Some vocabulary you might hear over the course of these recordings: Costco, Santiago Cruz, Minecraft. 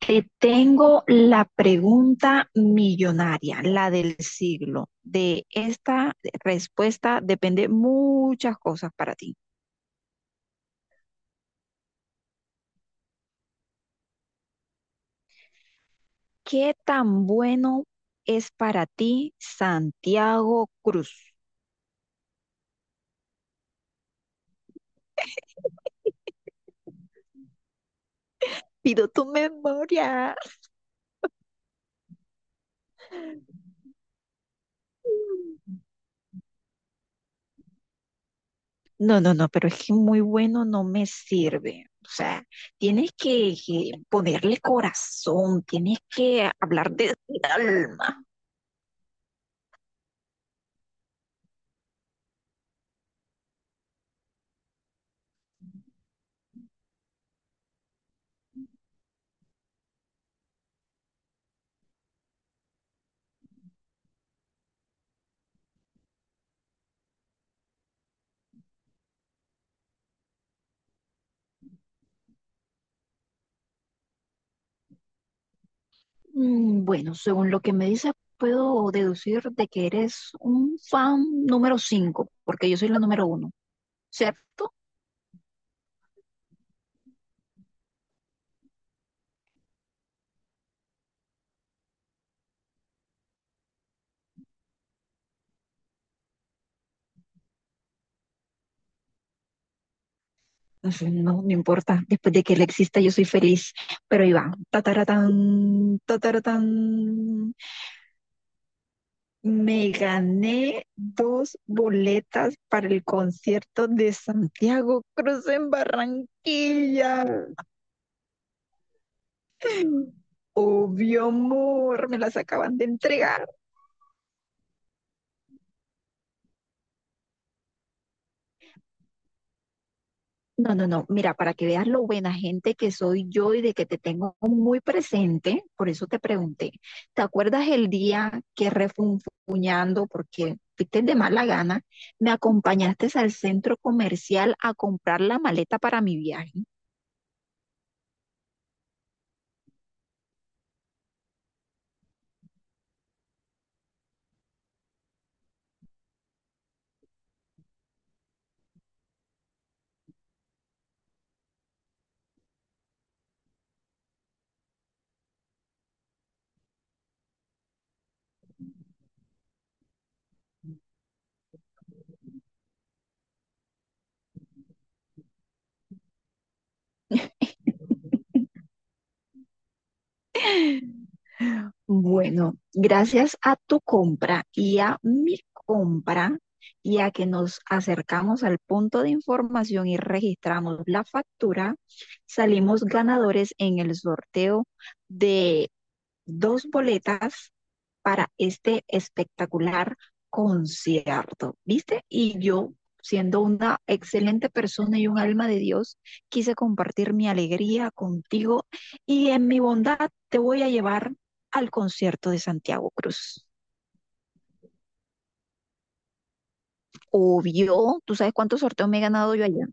Te tengo la pregunta millonaria, la del siglo. De esta respuesta depende muchas cosas para ti. ¿Qué tan bueno es para ti Santiago Cruz? Pido tu memoria. No, no, no, pero es que muy bueno no me sirve. O sea, tienes que ponerle corazón, tienes que hablar de alma. Bueno, según lo que me dices, puedo deducir de que eres un fan número 5 porque yo soy la número uno, ¿cierto? Entonces, no, me importa, después de que él exista yo soy feliz, pero ahí va, tataratán, tataratán. Me gané dos boletas para el concierto de Santiago Cruz en Barranquilla. Obvio, amor, me las acaban de entregar. No, no, no. Mira, para que veas lo buena gente que soy yo y de que te tengo muy presente, por eso te pregunté. ¿Te acuerdas el día que refunfuñando, porque fuiste de mala gana, me acompañaste al centro comercial a comprar la maleta para mi viaje? Bueno, gracias a tu compra y a mi compra y a que nos acercamos al punto de información y registramos la factura, salimos ganadores en el sorteo de dos boletas para este espectacular concierto, ¿viste? Y yo, siendo una excelente persona y un alma de Dios, quise compartir mi alegría contigo y en mi bondad te voy a llevar al concierto de Santiago Cruz. Obvio, ¿tú sabes cuántos sorteos me he ganado yo allá?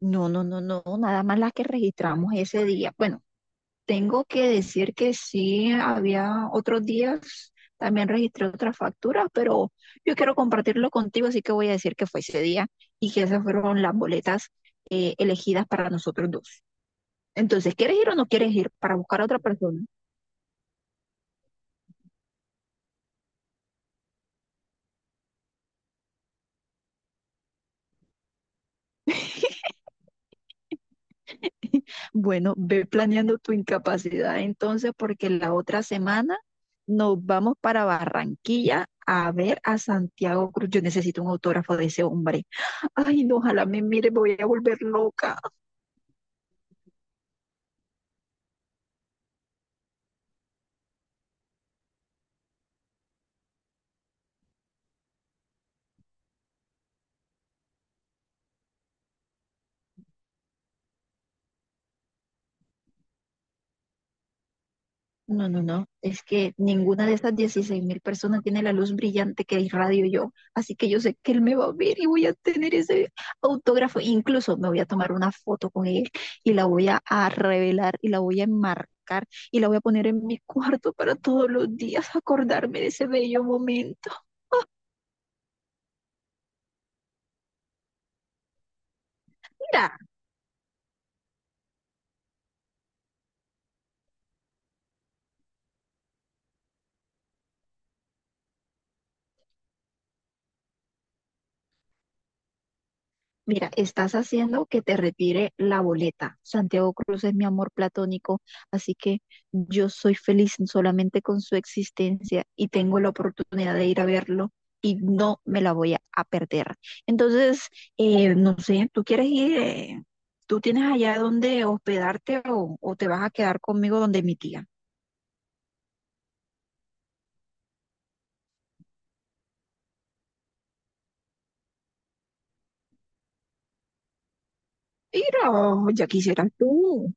No, no, no, no, nada más las que registramos ese día. Bueno, tengo que decir que sí, había otros días, también registré otras facturas, pero yo quiero compartirlo contigo, así que voy a decir que fue ese día y que esas fueron las boletas elegidas para nosotros dos. Entonces, ¿quieres ir o no quieres ir para buscar a otra persona? Bueno, ve planeando tu incapacidad entonces, porque la otra semana nos vamos para Barranquilla a ver a Santiago Cruz. Yo necesito un autógrafo de ese hombre. Ay, no, ojalá me mire, me voy a volver loca. No, no, no. Es que ninguna de esas 16.000 personas tiene la luz brillante que irradio yo. Así que yo sé que él me va a ver y voy a tener ese autógrafo. Incluso me voy a tomar una foto con él y la voy a revelar y la voy a enmarcar y la voy a poner en mi cuarto para todos los días acordarme de ese bello momento. Mira, estás haciendo que te retire la boleta. Santiago Cruz es mi amor platónico, así que yo soy feliz solamente con su existencia y tengo la oportunidad de ir a verlo y no me la voy a perder. Entonces, no sé, ¿tú quieres ir? ¿Tú tienes allá donde hospedarte o te vas a quedar conmigo donde mi tía? Mira, ya quisieras tú.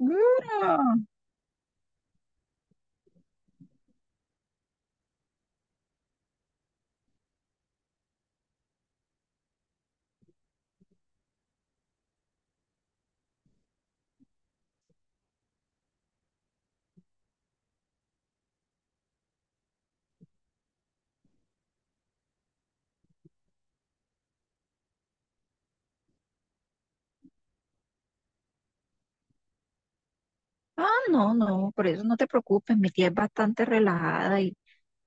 Mira. Ah, no, no, por eso no te preocupes, mi tía es bastante relajada. y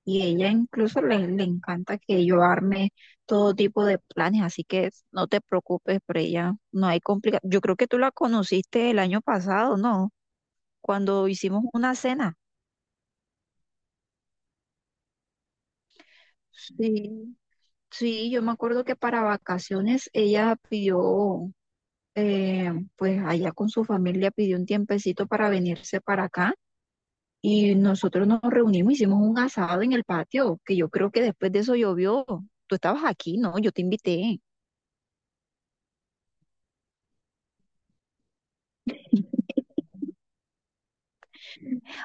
Y ella incluso le encanta que yo arme todo tipo de planes, así que no te preocupes por ella, no hay complicación. Yo creo que tú la conociste el año pasado, ¿no? Cuando hicimos una cena. Sí, sí, yo me acuerdo que para vacaciones ella pidió, pues allá con su familia pidió un tiempecito para venirse para acá y nosotros nos reunimos, hicimos un asado en el patio, que yo creo que después de eso llovió. Tú estabas aquí, ¿no? Yo te invité.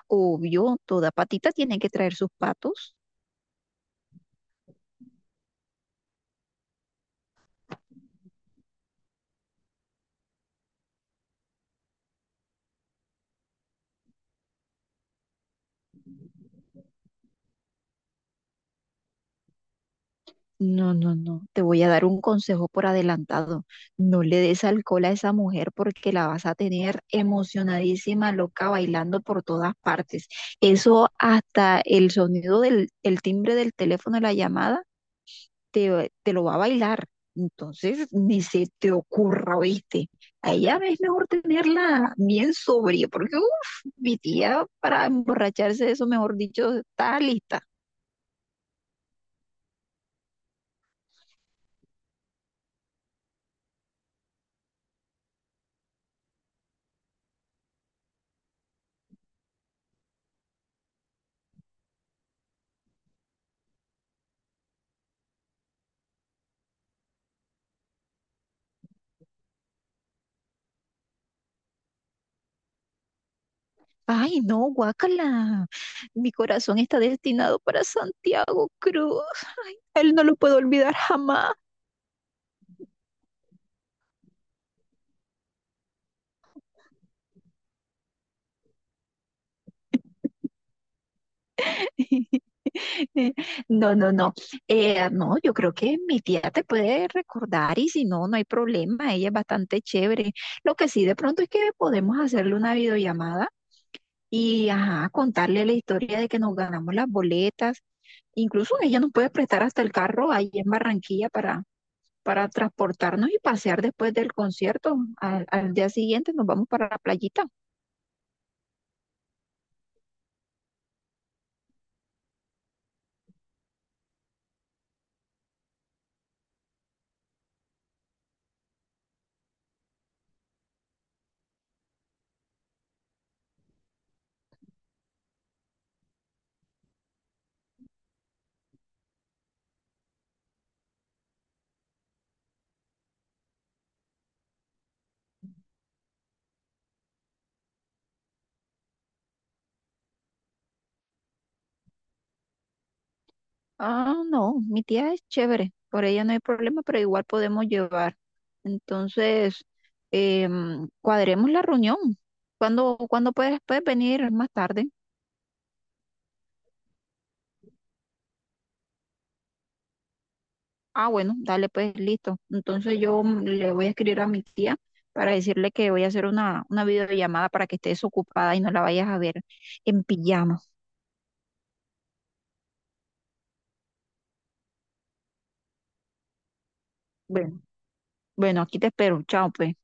Obvio, toda patita tiene que traer sus patos. No, no, no. Te voy a dar un consejo por adelantado. No le des alcohol a esa mujer porque la vas a tener emocionadísima, loca, bailando por todas partes. Eso hasta el sonido del el timbre del teléfono, la llamada, te lo va a bailar. Entonces, ni se te ocurra, ¿viste? A ella es mejor tenerla bien sobria porque, uff, mi tía para emborracharse, eso mejor dicho, está lista. Ay, no, guácala. Mi corazón está destinado para Santiago Cruz. A él no lo puedo olvidar jamás. No, no, no. No, yo creo que mi tía te puede recordar y si no, no hay problema. Ella es bastante chévere. Lo que sí, de pronto es que podemos hacerle una videollamada y ajá, contarle la historia de que nos ganamos las boletas. Incluso ella nos puede prestar hasta el carro ahí en Barranquilla para transportarnos y pasear después del concierto. Al día siguiente nos vamos para la playita. Ah, no, mi tía es chévere, por ella no hay problema, pero igual podemos llevar. Entonces, cuadremos la reunión. ¿¿Cuándo puedes venir más tarde? Ah, bueno, dale, pues listo. Entonces yo le voy a escribir a mi tía para decirle que voy a hacer una videollamada para que estés ocupada y no la vayas a ver en pijama. Bueno, bueno, aquí te espero. Chao, pues.